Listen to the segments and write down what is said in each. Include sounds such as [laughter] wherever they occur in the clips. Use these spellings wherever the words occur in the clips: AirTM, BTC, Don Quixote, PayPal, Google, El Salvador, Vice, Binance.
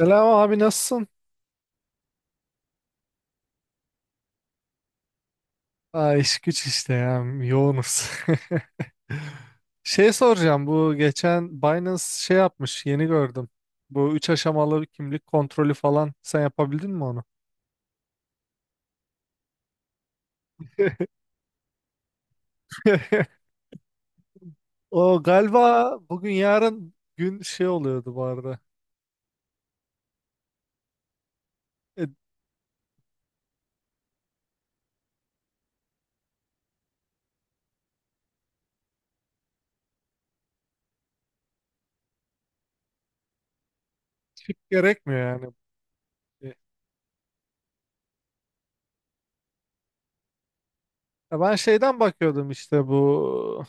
Selam abi nasılsın? Aa, iş güç işte ya yoğunuz. [laughs] Şey soracağım, bu geçen Binance şey yapmış, yeni gördüm. Bu üç aşamalı kimlik kontrolü falan, sen yapabildin mi onu? [laughs] O galiba bugün yarın gün şey oluyordu bu arada. E, tip gerekmiyor yani. E, Ya ben şeyden bakıyordum işte, bu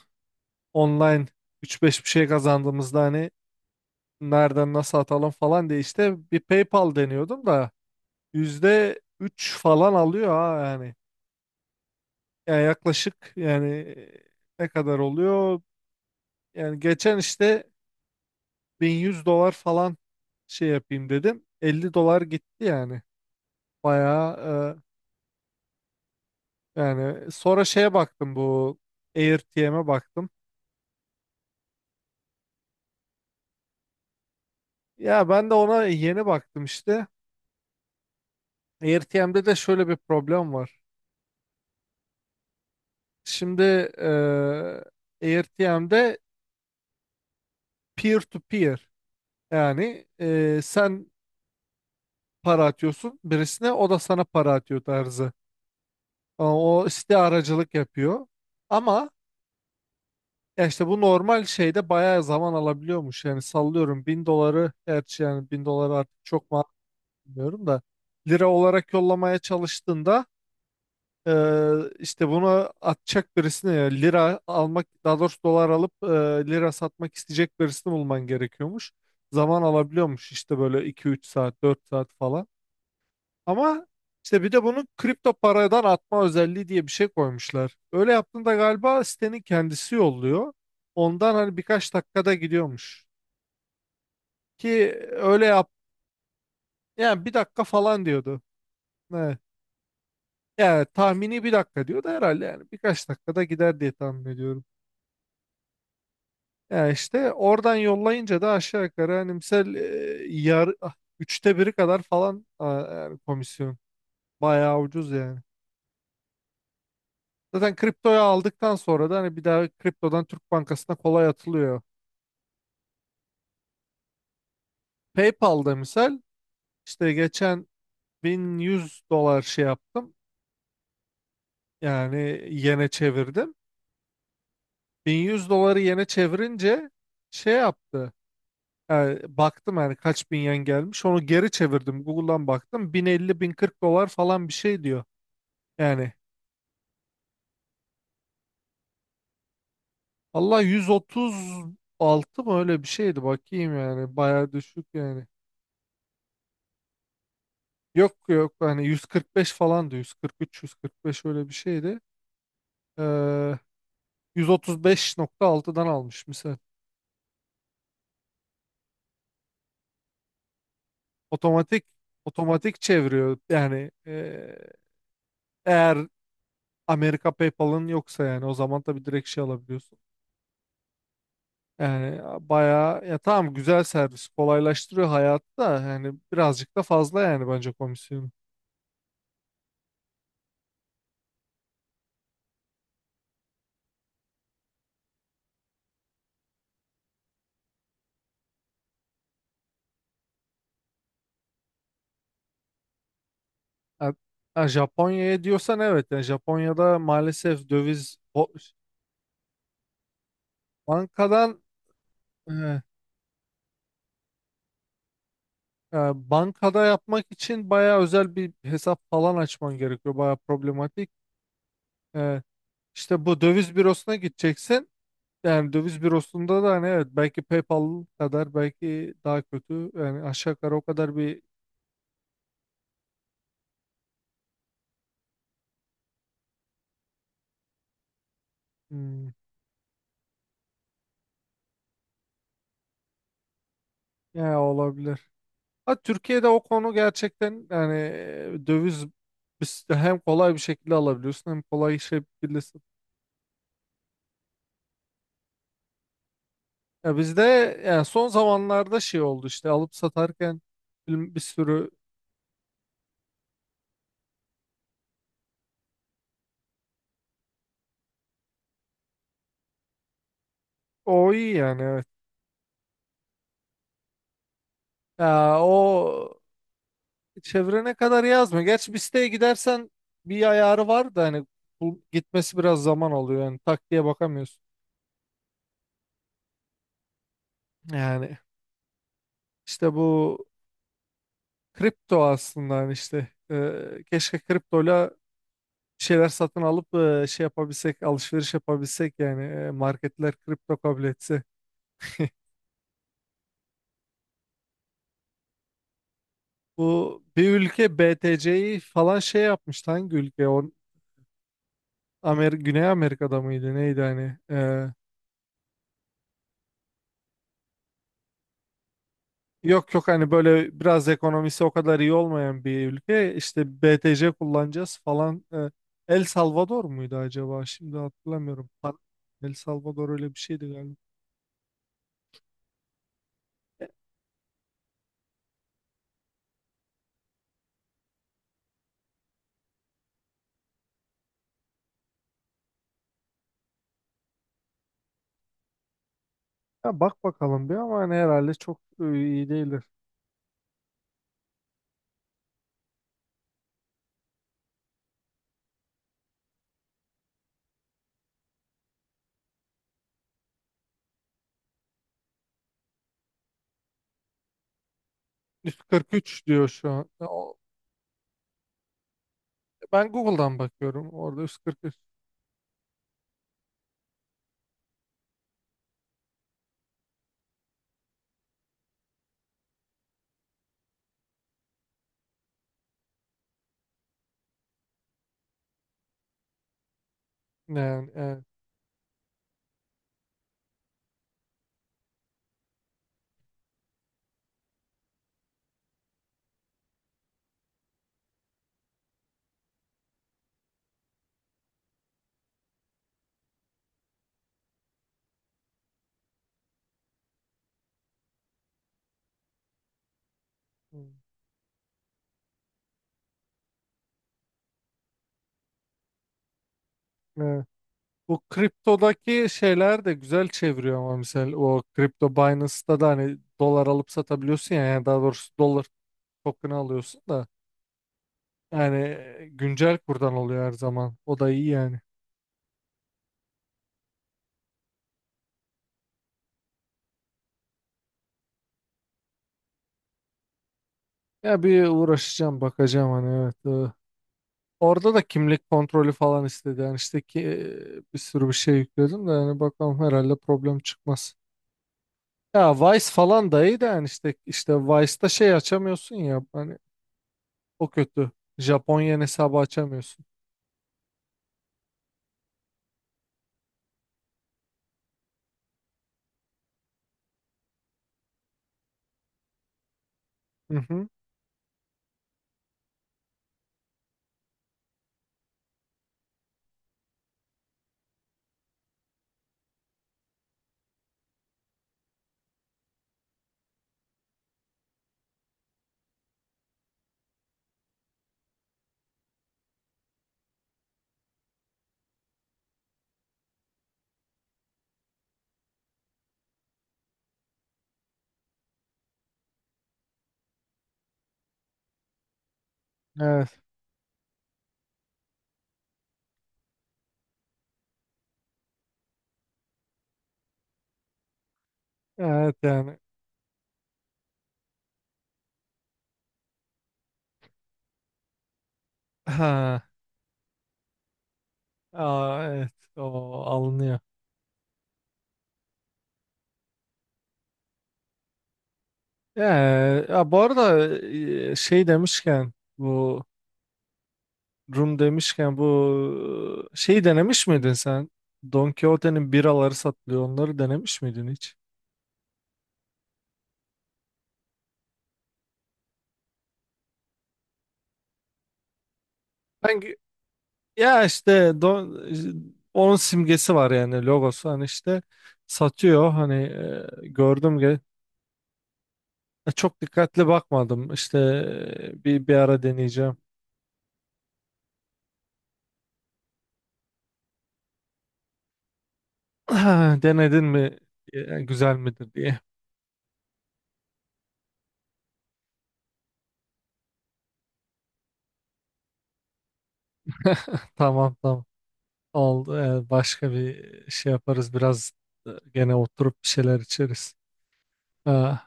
online üç beş bir şey kazandığımızda hani nereden nasıl atalım falan diye işte bir PayPal deniyordum da %3 falan alıyor ha yani. Yani yaklaşık yani, ne kadar oluyor? Yani geçen işte 1.100 dolar falan şey yapayım dedim. 50 dolar gitti yani. Bayağı. Yani sonra şeye baktım, bu AirTM'e baktım. Ya ben de ona yeni baktım işte. AirTM'de de şöyle bir problem var. Şimdi, e, AirTM'de peer to peer. Yani, sen para atıyorsun birisine, o da sana para atıyor tarzı. Ama o istiharacılık yapıyor. Ama ya işte bu normal şeyde bayağı zaman alabiliyormuş. Yani sallıyorum 1.000 doları, gerçi yani 1.000 doları artık çok mu bilmiyorum da, lira olarak yollamaya çalıştığında, e, işte bunu atacak birisine, yani lira almak, daha doğrusu dolar alıp lira satmak isteyecek birisini bulman gerekiyormuş. Zaman alabiliyormuş işte, böyle iki üç saat 4 saat falan. Ama işte bir de bunu kripto paradan atma özelliği diye bir şey koymuşlar. Öyle yaptığında galiba sitenin kendisi yolluyor. Ondan hani birkaç dakikada gidiyormuş. Ki öyle yap, yani bir dakika falan diyordu. Evet. Yani tahmini bir dakika diyordu herhalde, yani birkaç dakikada gider diye tahmin ediyorum. Yani işte oradan yollayınca da aşağı yukarı hani misal, yar, ah, üçte biri kadar falan, yani komisyon. Bayağı ucuz yani. Zaten kriptoyu aldıktan sonra da hani bir daha kriptodan Türk Bankası'na kolay atılıyor. PayPal'da misal işte geçen 1100 dolar şey yaptım. Yani yene çevirdim. 1100 doları yene çevirince şey yaptı. Yani baktım yani kaç bin yen gelmiş. Onu geri çevirdim. Google'dan baktım. 1050-1040 dolar falan bir şey diyor. Yani Allah, 136 mı öyle bir şeydi. Bakayım yani. Bayağı düşük yani. Yok yok, hani 145 falandı, 143 145 öyle bir şeydi. Ee, 135.6'dan almış misal. Otomatik otomatik çeviriyor yani, eğer Amerika PayPal'ın yoksa yani, o zaman tabii direkt şey alabiliyorsun. Yani bayağı, ya tamam, güzel servis, kolaylaştırıyor hayatı da, yani birazcık da fazla yani bence komisyonu. Ha- ha, Japonya'ya diyorsan evet, yani Japonya'da maalesef döviz bankadan e, E, bankada yapmak için bayağı özel bir hesap falan açman gerekiyor. Bayağı problematik. E, işte bu döviz bürosuna gideceksin. Yani döviz bürosunda da hani, evet, belki PayPal kadar, belki daha kötü. Yani aşağı yukarı o kadar bir, hmm, ya olabilir. Ha, Türkiye'de o konu gerçekten yani, döviz, biz de hem kolay bir şekilde alabiliyorsun, hem kolay işleyebilirsin. Ya bizde yani son zamanlarda şey oldu işte, alıp satarken bir sürü, o iyi yani. Ya, o çevrene kadar yazmıyor. Gerçi bir siteye gidersen bir ayarı var da, hani bu gitmesi biraz zaman alıyor. Yani tak diye bakamıyorsun. Yani işte bu kripto aslında, hani işte, keşke kriptoyla bir şeyler satın alıp şey yapabilsek, alışveriş yapabilsek, yani marketler kripto kabul etse. Bu bir ülke BTC'yi falan şey yapmıştı. Hangi ülke? O Güney Amerika'da mıydı? Neydi hani? Yok yok hani, böyle biraz ekonomisi o kadar iyi olmayan bir ülke işte, BTC kullanacağız falan. El Salvador muydu acaba? Şimdi hatırlamıyorum. El Salvador öyle bir şeydi galiba. E, Ya bak bakalım bir, ama hani herhalde çok iyi değildir. 143 diyor şu an. Ben Google'dan bakıyorum. Orada 143. Yani evet. Hmm, evet. Bu kriptodaki şeyler de güzel çeviriyor, ama mesela o kripto Binance'ta da hani dolar alıp satabiliyorsun ya, yani daha doğrusu dolar token'ı alıyorsun da, yani güncel kurdan oluyor her zaman. O da iyi yani. Ya bir uğraşacağım, bakacağım hani, evet. Orada da kimlik kontrolü falan istedi. Yani işte ki bir sürü bir şey yükledim de, yani bakalım herhalde problem çıkmaz. Ya Vice falan da iyi de yani, işte Vice'da şey açamıyorsun ya hani, o kötü. Japonya hesabı açamıyorsun. Hı hı. Evet. Evet yani. Ha. Aa, evet. O alınıyor. Ee, ya bu arada, şey demişken bu Rum demişken bu şeyi denemiş miydin sen? Don Quixote'nin biraları satılıyor. Onları denemiş miydin hiç? Ben gü- ya işte Don, onun simgesi var yani logosu, hani işte satıyor hani, gördüm ki çok dikkatli bakmadım işte, bir ara deneyeceğim. [clears throat] Denedin mi? Güzel midir diye. [laughs] Tamam tamam. Oldu. Evet. Başka bir şey yaparız. Biraz gene oturup bir şeyler içeriz. Ha.